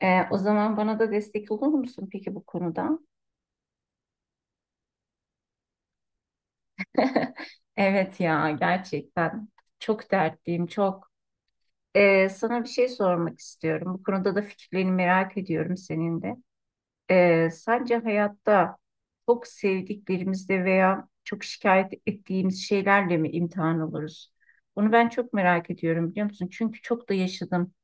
O zaman bana da destek olur musun peki bu konuda? Evet ya gerçekten çok dertliyim çok. Sana bir şey sormak istiyorum. Bu konuda da fikirlerini merak ediyorum senin de. Sence hayatta çok sevdiklerimizle veya çok şikayet ettiğimiz şeylerle mi imtihan oluruz? Bunu ben çok merak ediyorum biliyor musun? Çünkü çok da yaşadım.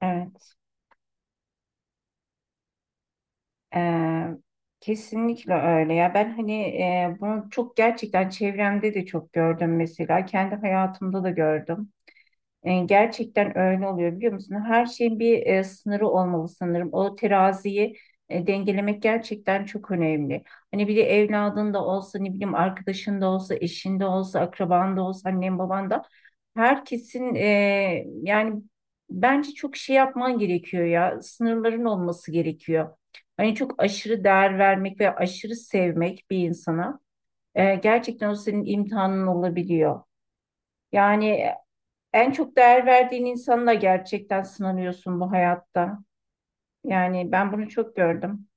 Evet. Ee, Kesinlikle öyle ya. Ben hani bunu çok gerçekten çevremde de çok gördüm mesela. Kendi hayatımda da gördüm. Gerçekten öyle oluyor biliyor musun? Her şeyin bir sınırı olmalı sanırım. O teraziyi dengelemek gerçekten çok önemli. Hani bir de evladın da olsa, ne bileyim arkadaşın da olsa, eşin de olsa, akraban da olsa, annen baban da herkesin, yani bence çok şey yapman gerekiyor ya. Sınırların olması gerekiyor. Hani çok aşırı değer vermek ve aşırı sevmek bir insana gerçekten o senin imtihanın olabiliyor. Yani en çok değer verdiğin insanla gerçekten sınanıyorsun bu hayatta. Yani ben bunu çok gördüm.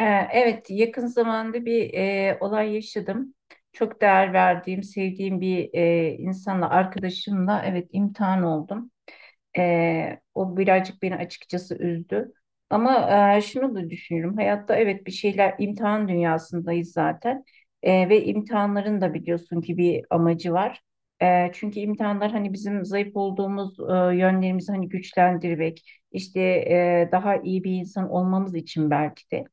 Ee, evet, yakın zamanda bir olay yaşadım. Çok değer verdiğim, sevdiğim bir insanla, arkadaşımla evet imtihan oldum. O birazcık beni açıkçası üzdü. Ama şunu da düşünüyorum. Hayatta evet bir şeyler imtihan dünyasındayız zaten. Ve imtihanların da biliyorsun ki bir amacı var. Çünkü imtihanlar hani bizim zayıf olduğumuz yönlerimizi hani güçlendirmek, işte, daha iyi bir insan olmamız için belki de.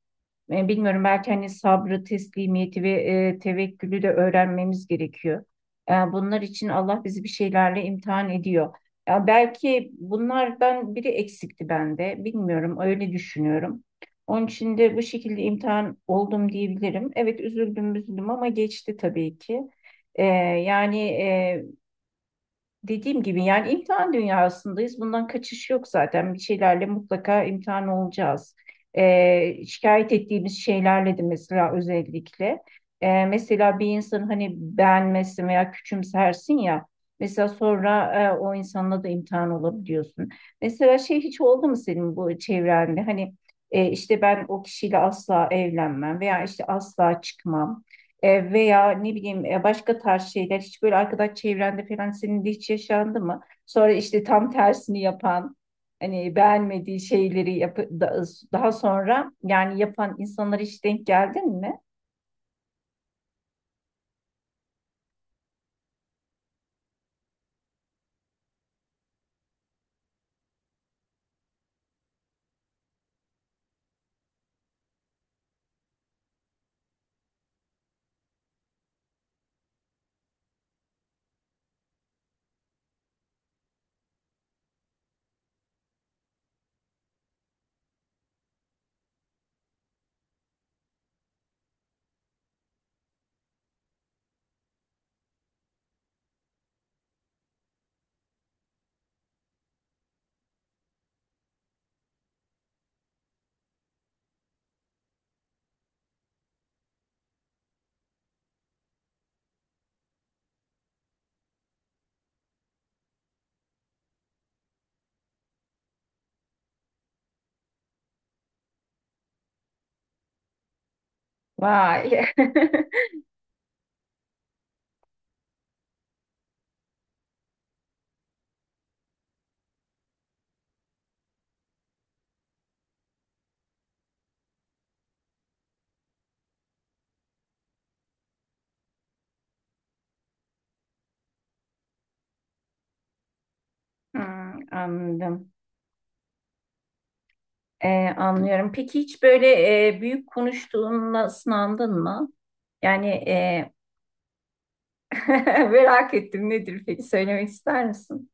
Bilmiyorum, belki hani sabrı, teslimiyeti ve tevekkülü de öğrenmemiz gerekiyor. Bunlar için Allah bizi bir şeylerle imtihan ediyor. Ya belki bunlardan biri eksikti bende. Bilmiyorum, öyle düşünüyorum. Onun için de bu şekilde imtihan oldum diyebilirim. Evet, üzüldüm ama geçti tabii ki. E, yani e, Dediğim gibi yani imtihan dünyasındayız. Bundan kaçış yok zaten. Bir şeylerle mutlaka imtihan olacağız. Şikayet ettiğimiz şeylerle de mesela özellikle. Mesela bir insanın hani beğenmezsin veya küçümsersin ya. Mesela sonra o insanla da imtihan olabiliyorsun. Mesela şey hiç oldu mu senin bu çevrende? Hani işte ben o kişiyle asla evlenmem veya işte asla çıkmam. Veya ne bileyim başka tarz şeyler hiç böyle arkadaş çevrende falan senin de hiç yaşandı mı? Sonra işte tam tersini yapan, hani beğenmediği şeyleri daha sonra yani yapan insanlara hiç denk geldin mi? Vay. Hmm, anladım. Anlıyorum. Peki hiç böyle büyük konuştuğunla sınandın mı? Yani, merak ettim, nedir peki, söylemek ister misin?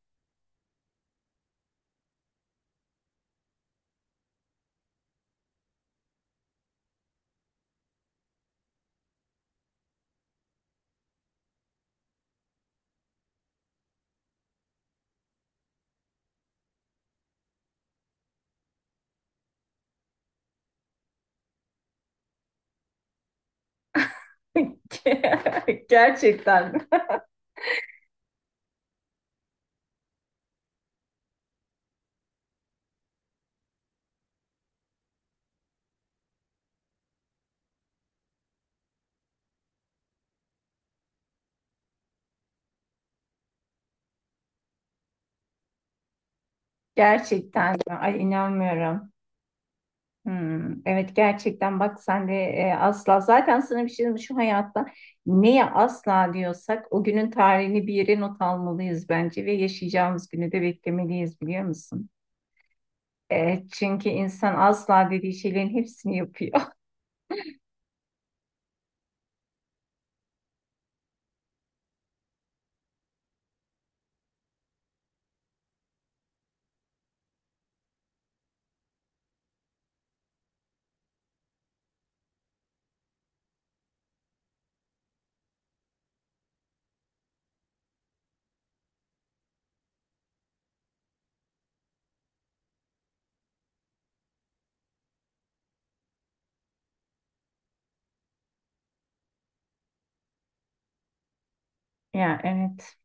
Gerçekten. Gerçekten mi? Ay inanmıyorum. Hmm, evet gerçekten, bak sen de, asla zaten, sana bir şey diyeyim mi? Şu hayatta neye asla diyorsak o günün tarihini bir yere not almalıyız bence ve yaşayacağımız günü de beklemeliyiz biliyor musun? Çünkü insan asla dediği şeylerin hepsini yapıyor. Ya evet.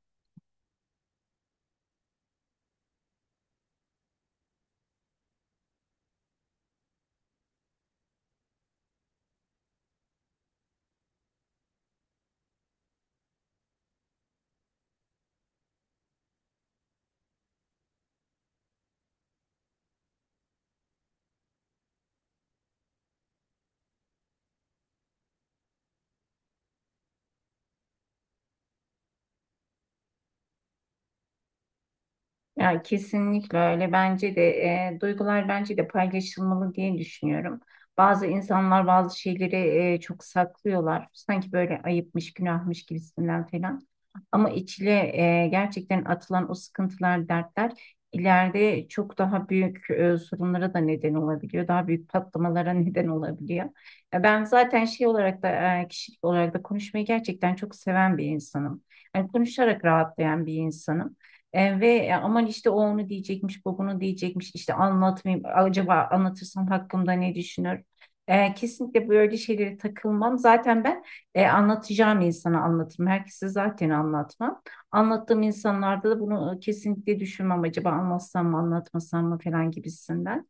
Ya kesinlikle öyle, bence de duygular bence de paylaşılmalı diye düşünüyorum. Bazı insanlar bazı şeyleri çok saklıyorlar. Sanki böyle ayıpmış, günahmış gibisinden falan. Ama içile gerçekten atılan o sıkıntılar, dertler ileride çok daha büyük sorunlara da neden olabiliyor. Daha büyük patlamalara neden olabiliyor. Ya ben zaten şey olarak da, kişilik olarak da konuşmayı gerçekten çok seven bir insanım. Yani konuşarak rahatlayan bir insanım. Aman işte o onu diyecekmiş, bu bunu diyecekmiş, işte anlatmayayım, acaba anlatırsam hakkımda ne düşünür? Kesinlikle böyle şeylere takılmam. Zaten ben anlatacağım insana anlatırım. Herkese zaten anlatmam. Anlattığım insanlarda da bunu kesinlikle düşünmem. Acaba anlatsam mı anlatmasam mı falan gibisinden.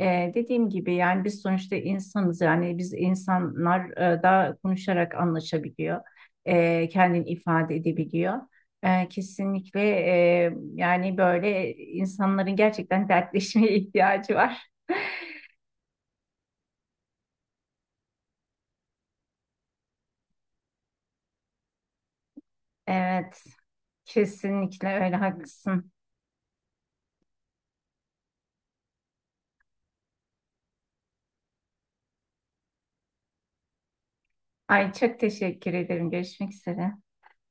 Dediğim gibi yani biz sonuçta insanız. Yani biz insanlar da konuşarak anlaşabiliyor. Kendini ifade edebiliyor. Kesinlikle, yani böyle insanların gerçekten dertleşmeye ihtiyacı var. Evet, kesinlikle öyle haklısın. Ay çok teşekkür ederim. Görüşmek üzere.